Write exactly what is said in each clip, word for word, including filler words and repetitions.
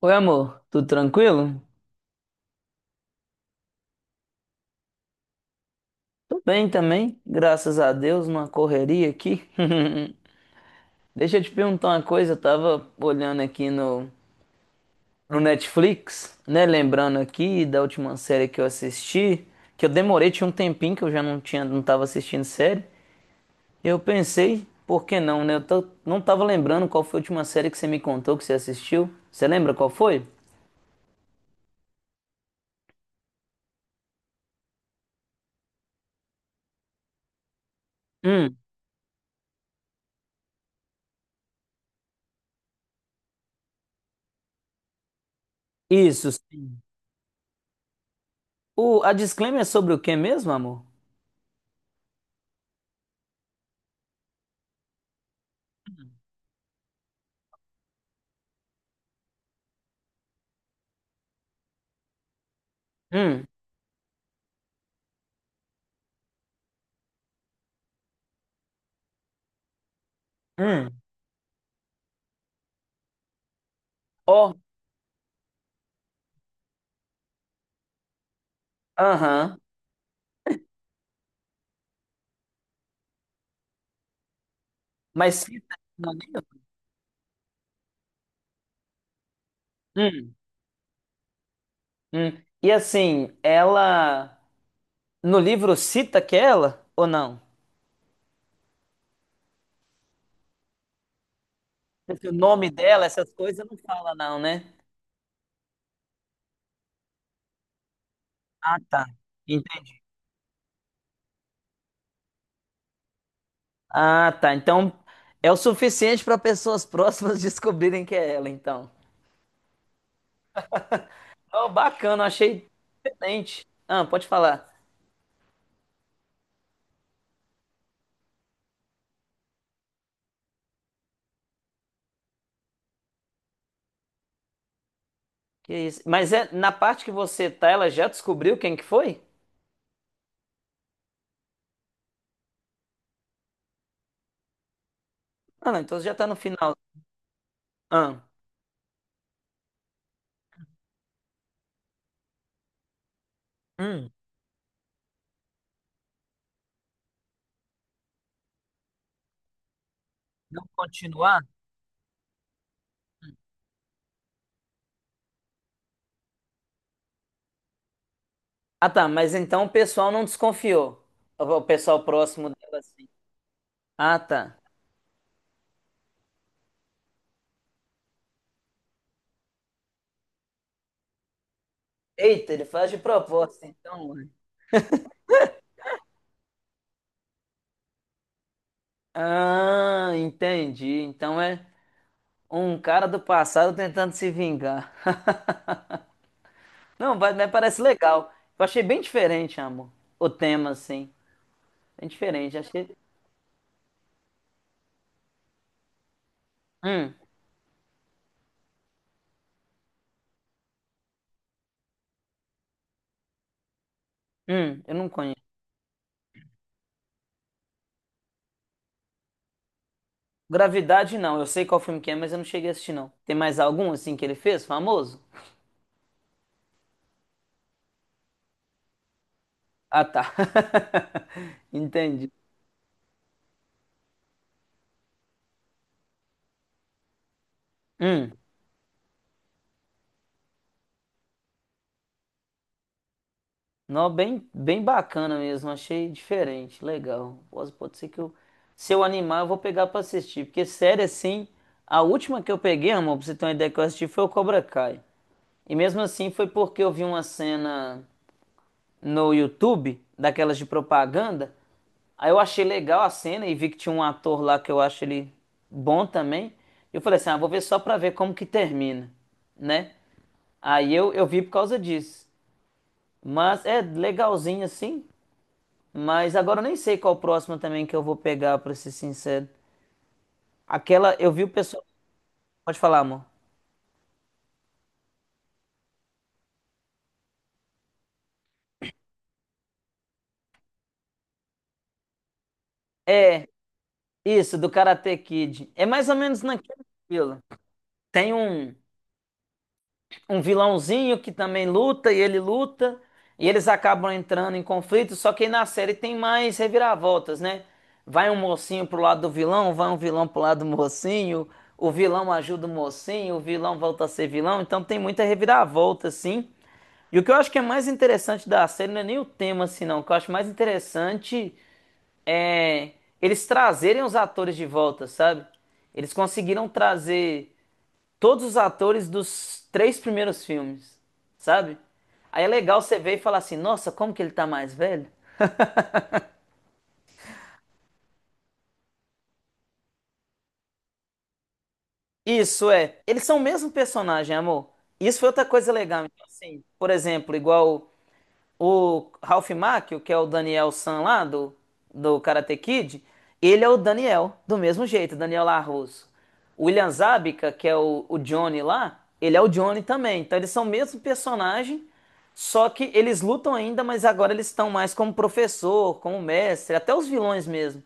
Oi, amor, tudo tranquilo? Tô bem também, graças a Deus, numa correria aqui. Deixa eu te perguntar uma coisa, eu tava olhando aqui no, no Netflix, né? Lembrando aqui da última série que eu assisti, que eu demorei, tinha um tempinho que eu já não tinha, não tava assistindo série. E eu pensei, por que não, né? Eu tô- não tava lembrando qual foi a última série que você me contou que você assistiu. Você lembra qual foi? Hum, isso, sim. O, a disclaimer é sobre o que mesmo, amor? Hum, hum. Ó, aham. Mas cita no livro? Hum, hum. E assim, ela no livro cita que é ela ou não? Porque o nome dela, essas coisas não fala não, né? Ah, tá. Entendi. Ah, tá. Então é o suficiente para pessoas próximas descobrirem que é ela, então. Oh, bacana, achei diferente. Ah, pode falar. Que isso? Mas é na parte que você tá, ela já descobriu quem que foi? Ah, não, então já tá no final. Ah, hum. Não continuar? Ah, tá, mas então o pessoal não desconfiou. O o pessoal próximo dela, assim. Ah, tá. Eita, ele faz de proposta, então. Ué. Ah, entendi. Então é um cara do passado tentando se vingar. Não, vai- Mas parece legal. Eu achei bem diferente, amor. O tema, assim. Bem diferente. Achei. Hum, hum, eu não conheço. Gravidade, não. Eu sei qual filme que é, mas eu não cheguei a assistir, não. Tem mais algum, assim, que ele fez, famoso? Ah, tá. Entendi. Hum. Não, bem, bem bacana mesmo, achei diferente, legal. Pode, pode ser que eu, se eu animar, eu vou pegar pra assistir, porque série assim, a última que eu peguei, amor, pra você ter uma ideia que eu assisti, foi o Cobra Kai. E mesmo assim foi porque eu vi uma cena no YouTube, daquelas de propaganda, aí eu achei legal a cena e vi que tinha um ator lá que eu acho ele bom também. Eu falei assim, ah, vou ver só pra ver como que termina, né? Aí eu, eu vi por causa disso. Mas é legalzinho assim. Mas agora eu nem sei qual próximo também que eu vou pegar, pra ser sincero. Aquela, eu vi o pessoal. Pode falar, amor. É, isso, do Karate Kid. É mais ou menos naquele estilo. Tem um, um vilãozinho que também luta e ele luta, e eles acabam entrando em conflito, só que aí na série tem mais reviravoltas, né? Vai um mocinho pro lado do vilão, vai um vilão pro lado do mocinho, o vilão ajuda o mocinho, o vilão volta a ser vilão, então tem muita reviravolta, assim. E o que eu acho que é mais interessante da série não é nem o tema, assim, não. O que eu acho mais interessante é eles trazerem os atores de volta, sabe? Eles conseguiram trazer todos os atores dos três primeiros filmes, sabe? Aí é legal você ver e falar assim, nossa, como que ele tá mais velho? Isso é, eles são o mesmo personagem, amor. Isso foi outra coisa legal. Então, assim, por exemplo, igual o Ralph Macchio, que é o Daniel San lá do, do Karate Kid, ele é o Daniel, do mesmo jeito, Daniel Larusso. O William Zabka, que é o, o Johnny lá, ele é o Johnny também. Então eles são o mesmo personagem, só que eles lutam ainda, mas agora eles estão mais como professor, como mestre, até os vilões mesmo.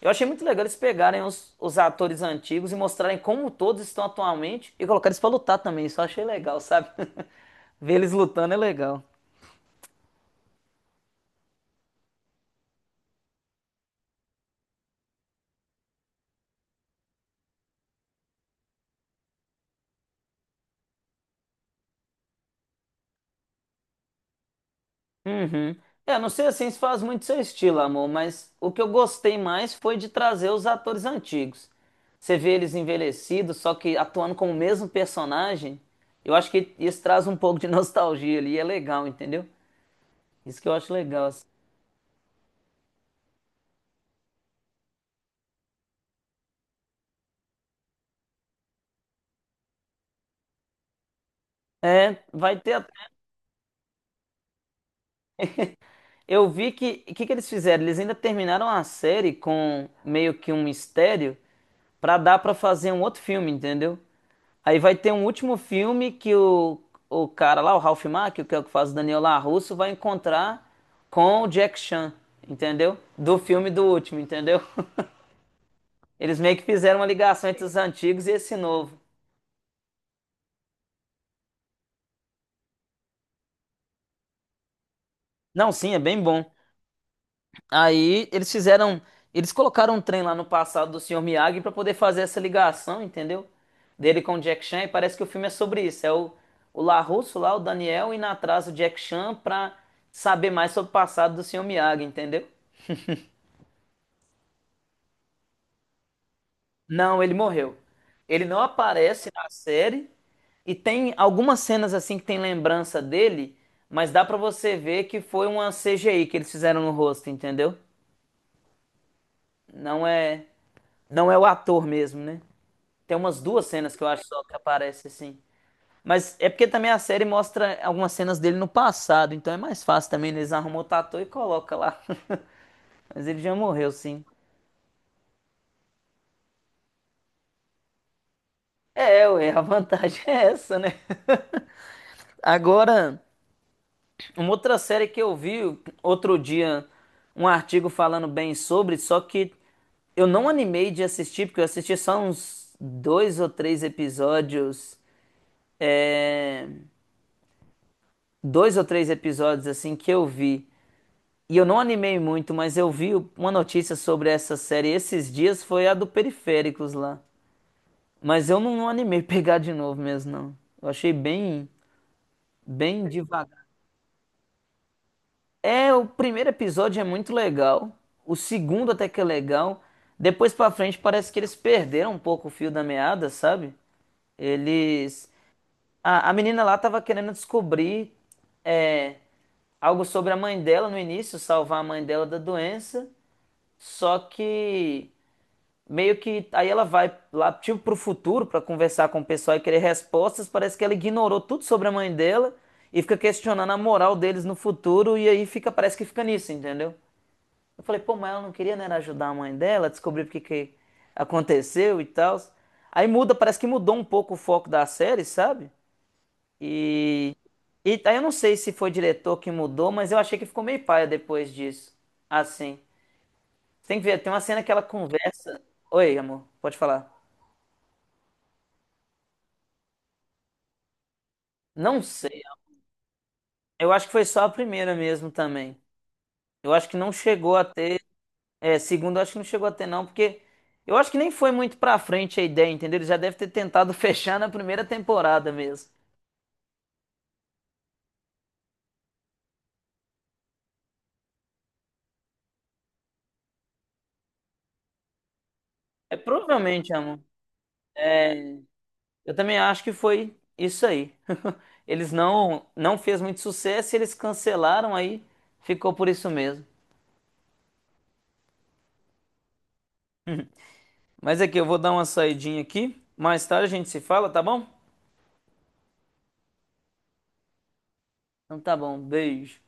Eu achei muito legal eles pegarem os, os atores antigos e mostrarem como todos estão atualmente e colocar eles pra lutar também. Isso eu achei legal, sabe? Ver eles lutando é legal. Uhum. É, não sei assim se faz muito seu estilo, amor, mas o que eu gostei mais foi de trazer os atores antigos. Você vê eles envelhecidos, só que atuando como o mesmo personagem, eu acho que isso traz um pouco de nostalgia ali, é legal, entendeu? Isso que eu acho legal. Assim. É, vai ter. até- Eu vi que o que que eles fizeram? Eles ainda terminaram a série com meio que um mistério pra dar pra fazer um outro filme, entendeu? Aí vai ter um último filme que o, o cara lá, o Ralph Macchio, que é o que faz o Daniel LaRusso, vai encontrar com o Jack Chan, entendeu? Do filme do último, entendeu? Eles meio que fizeram uma ligação entre os antigos e esse novo. Não, sim, é bem bom. Aí eles fizeram, eles colocaram um trem lá no passado do senhor Miyagi pra poder fazer essa ligação, entendeu? Dele com o Jack Chan, e parece que o filme é sobre isso. É o, o LaRusso lá, o Daniel, indo atrás do Jack Chan pra saber mais sobre o passado do senhor Miyagi, entendeu? Não, ele morreu. Ele não aparece na série e tem algumas cenas assim que tem lembrança dele, mas dá pra você ver que foi uma C G I que eles fizeram no rosto, entendeu? Não é, não é o ator mesmo, né? Tem umas duas cenas que eu acho só que aparece assim. Mas é porque também a série mostra algumas cenas dele no passado, então é mais fácil também eles arrumam o tatu e coloca lá. Mas ele já morreu, sim. É, ué, a vantagem é essa, né? Agora, uma outra série que eu vi outro dia, um artigo falando bem sobre, só que eu não animei de assistir, porque eu assisti só uns dois ou três episódios, dois ou três episódios assim que eu vi. E eu não animei muito, mas eu vi uma notícia sobre essa série esses dias, foi a do Periféricos lá. Mas eu não, não animei pegar de novo mesmo, não. Eu achei bem, bem devagar. É, o primeiro episódio é muito legal. O segundo até que é legal. Depois pra frente parece que eles perderam um pouco o fio da meada, sabe? Eles. A, a menina lá tava querendo descobrir é, algo sobre a mãe dela no início, salvar a mãe dela da doença. Só que meio que aí ela vai lá tipo pro futuro pra conversar com o pessoal e querer respostas. Parece que ela ignorou tudo sobre a mãe dela e fica questionando a moral deles no futuro e aí fica parece que fica nisso, entendeu? Eu falei, pô, mas ela não queria, né, era ajudar a mãe dela, descobrir porque que aconteceu e tal. Aí muda, parece que mudou um pouco o foco da série, sabe? E, e aí eu não sei se foi o diretor que mudou, mas eu achei que ficou meio paia depois disso. Assim. Tem que ver, tem uma cena que ela conversa. Oi, amor, pode falar. Não sei. Eu acho que foi só a primeira mesmo também. Eu acho que não chegou a ter. É, segundo, acho que não chegou a ter, não, porque eu acho que nem foi muito pra frente a ideia, entendeu? Ele já deve ter tentado fechar na primeira temporada mesmo. É provavelmente, amor. É, eu também acho que foi isso aí. Eles não não fez muito sucesso, e eles cancelaram aí, ficou por isso mesmo. Mas aqui eu vou dar uma saidinha aqui. Mais tarde a gente se fala, tá bom? Então tá bom, beijo.